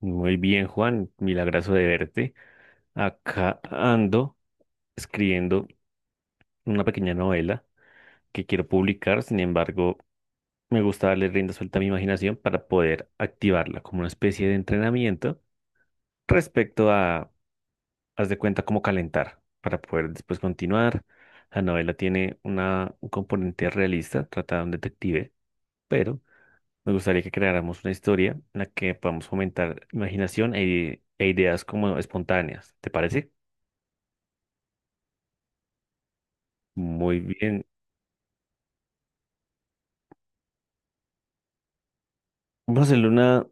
Muy bien, Juan, milagroso de verte. Acá ando escribiendo una pequeña novela que quiero publicar, sin embargo, me gusta darle rienda suelta a mi imaginación para poder activarla como una especie de entrenamiento respecto a, haz de cuenta, cómo calentar para poder después continuar. La novela tiene un componente realista, trata de un detective, pero me gustaría que creáramos una historia en la que podamos fomentar imaginación e ideas como espontáneas. ¿Te parece? Muy bien. Vamos a hacerle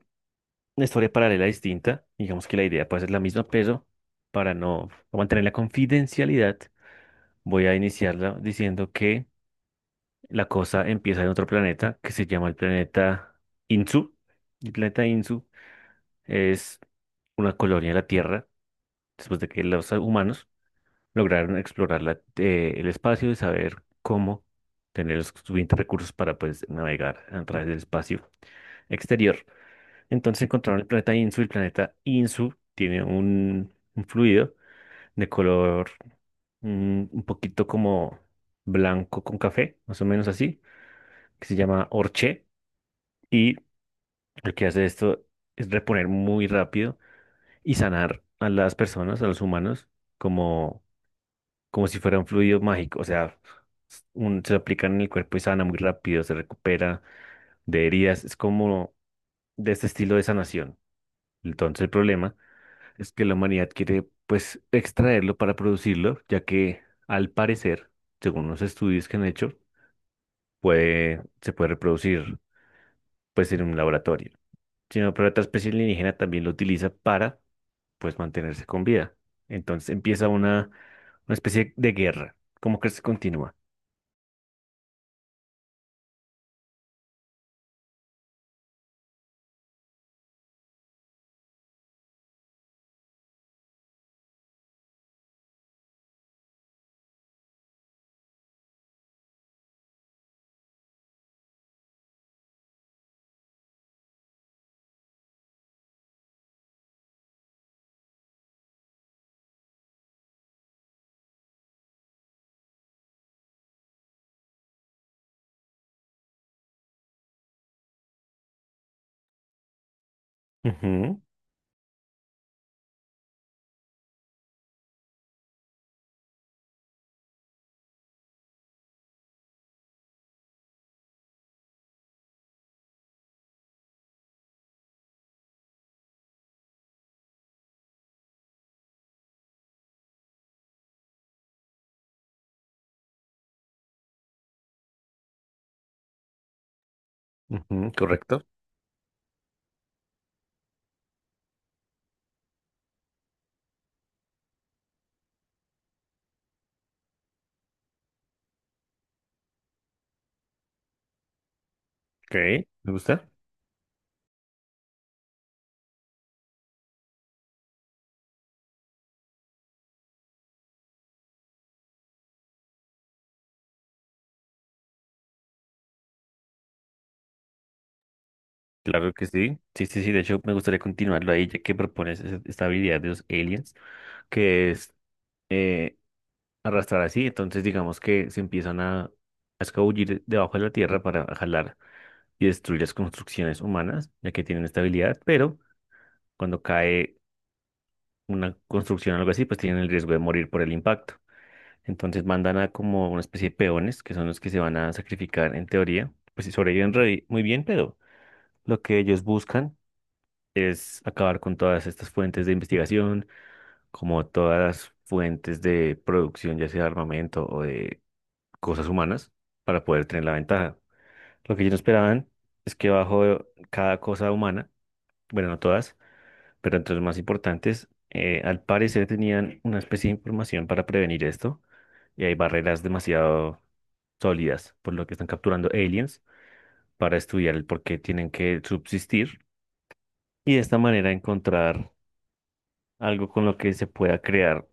una historia paralela distinta. Digamos que la idea puede ser la misma, pero para no mantener la confidencialidad, voy a iniciarla diciendo que la cosa empieza en otro planeta que se llama el planeta Insu. El planeta Insu es una colonia de la Tierra después de que los humanos lograron explorar el espacio y saber cómo tener los suficientes recursos para pues navegar a través del espacio exterior. Entonces encontraron el planeta Insu. El planeta Insu tiene un fluido de color un poquito como blanco con café, más o menos así, que se llama Orché. Y lo que hace esto es reponer muy rápido y sanar a las personas, a los humanos, como como si fuera un fluido mágico, o sea, se lo aplican en el cuerpo y sana muy rápido, se recupera de heridas, es como de este estilo de sanación. Entonces el problema es que la humanidad quiere pues extraerlo para producirlo, ya que al parecer, según los estudios que han hecho, se puede reproducir pues en un laboratorio. Sino, pero otra especie alienígena también lo utiliza para pues mantenerse con vida. Entonces empieza una especie de guerra, como que se continúa. Ujú. Ujú, correcto. Ok, me gusta. Claro que sí. Sí, sí, sí. De hecho, me gustaría continuarlo ahí, ya que propones esta habilidad de los aliens, que es eh, arrastrar así. Entonces, digamos que se empiezan a escabullir debajo de la tierra para jalar y destruir las construcciones humanas, ya que tienen esta habilidad. Pero cuando cae una construcción o algo así, pues tienen el riesgo de morir por el impacto. Entonces, mandan a como una especie de peones, que son los que se van a sacrificar en teoría. Pues si sobreviven muy bien, pero. Lo que ellos buscan es acabar con todas estas fuentes de investigación, como todas las fuentes de producción, ya sea de armamento o de cosas humanas, para poder tener la ventaja. Lo que ellos no esperaban es que bajo cada cosa humana, bueno, no todas, pero entre las más importantes, al parecer tenían una especie de información para prevenir esto, y hay barreras demasiado sólidas, por lo que están capturando aliens para estudiar el por qué tienen que subsistir y de esta manera encontrar algo con lo que se pueda crear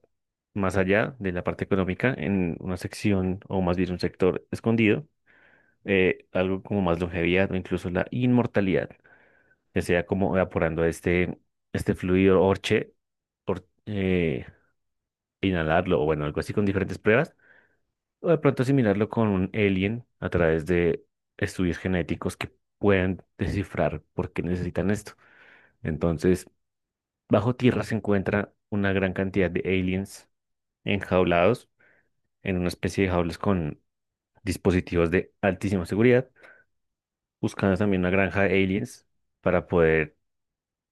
más allá de la parte económica en una sección o más bien un sector escondido, algo como más longevidad o incluso la inmortalidad, que sea como evaporando este, este fluido orche, or- eh, inhalarlo o bueno, algo así con diferentes pruebas, o de pronto asimilarlo con un alien a través de estudios genéticos que puedan descifrar por qué necesitan esto. Entonces, bajo tierra se encuentra una gran cantidad de aliens enjaulados en una especie de jaulas con dispositivos de altísima seguridad, buscando también una granja de aliens para poder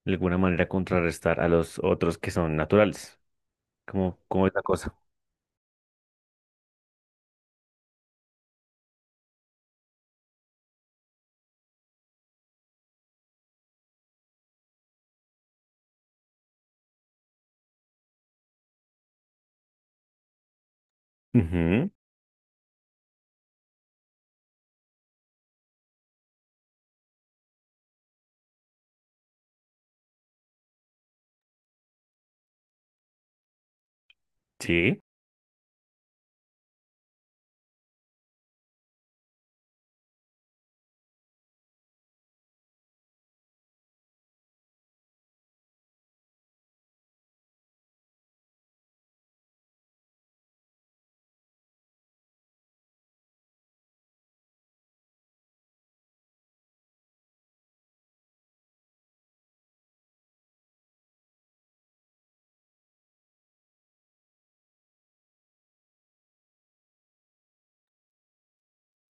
de alguna manera contrarrestar a los otros que son naturales. ¿Cómo, cómo es la cosa? Ujú. Sí,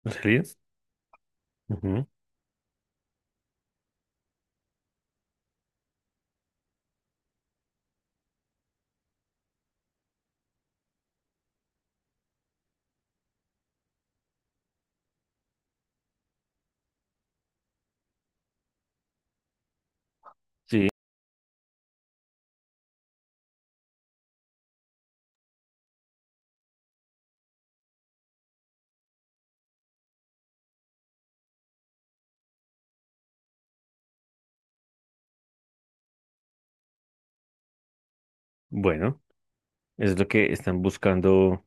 los aliens. Ujú. Sí, bueno, es lo que están buscando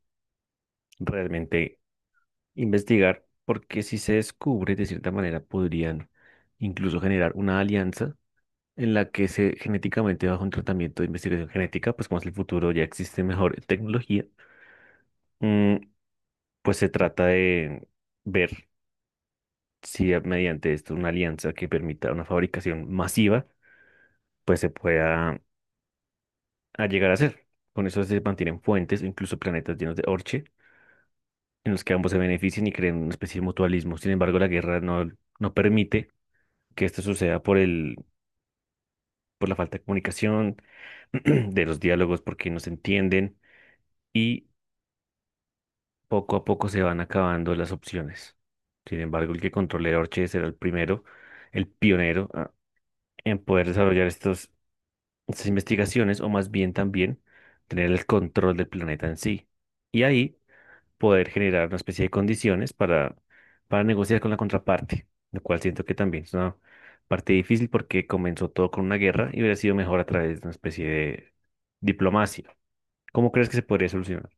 realmente investigar, porque si se descubre, de cierta manera podrían incluso generar una alianza en la que se genéticamente bajo un tratamiento de investigación genética, pues como es el futuro, ya existe mejor tecnología, mm, pues se trata de ver si mediante esto una alianza que permita una fabricación masiva, pues se pueda a llegar a hacer. Con eso se mantienen fuentes o incluso planetas llenos de orche en los que ambos se beneficien y creen una especie de mutualismo. Sin embargo, la guerra no, no permite que esto suceda por por la falta de comunicación, de los diálogos porque no se entienden. Y poco a poco se van acabando las opciones. Sin embargo, el que controle Orche será el primero, el pionero en poder desarrollar estas investigaciones o más bien también tener el control del planeta en sí. Y ahí poder generar una especie de condiciones para negociar con la contraparte, lo cual siento que también es una parte difícil porque comenzó todo con una guerra y hubiera sido mejor a través de una especie de diplomacia. ¿Cómo crees que se podría solucionar?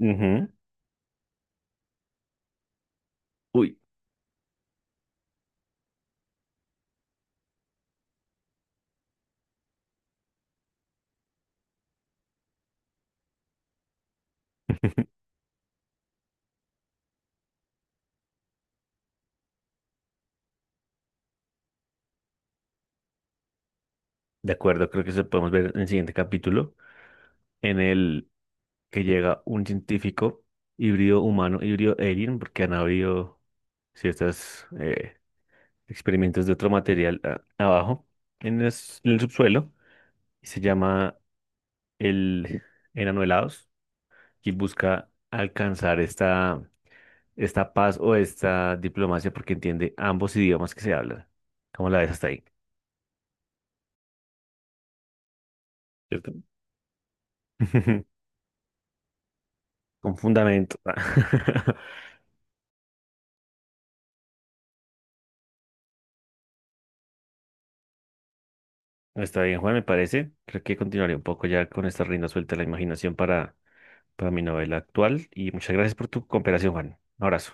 Ujú. Uy. De acuerdo, creo que eso podemos ver en el siguiente capítulo, en el que llega un científico híbrido humano, híbrido alien, porque han habido ciertos experimentos de otro material abajo, en en el subsuelo, y se llama el enano helados, y busca alcanzar esta, esta paz o esta diplomacia porque entiende ambos idiomas que se hablan. ¿Cómo la ves hasta ahí? ¿Cierto? Con fundamento. Está bien, Juan, me parece. Creo que continuaré un poco ya con esta rienda suelta de la imaginación para mi novela actual. Y muchas gracias por tu cooperación, Juan. Un abrazo.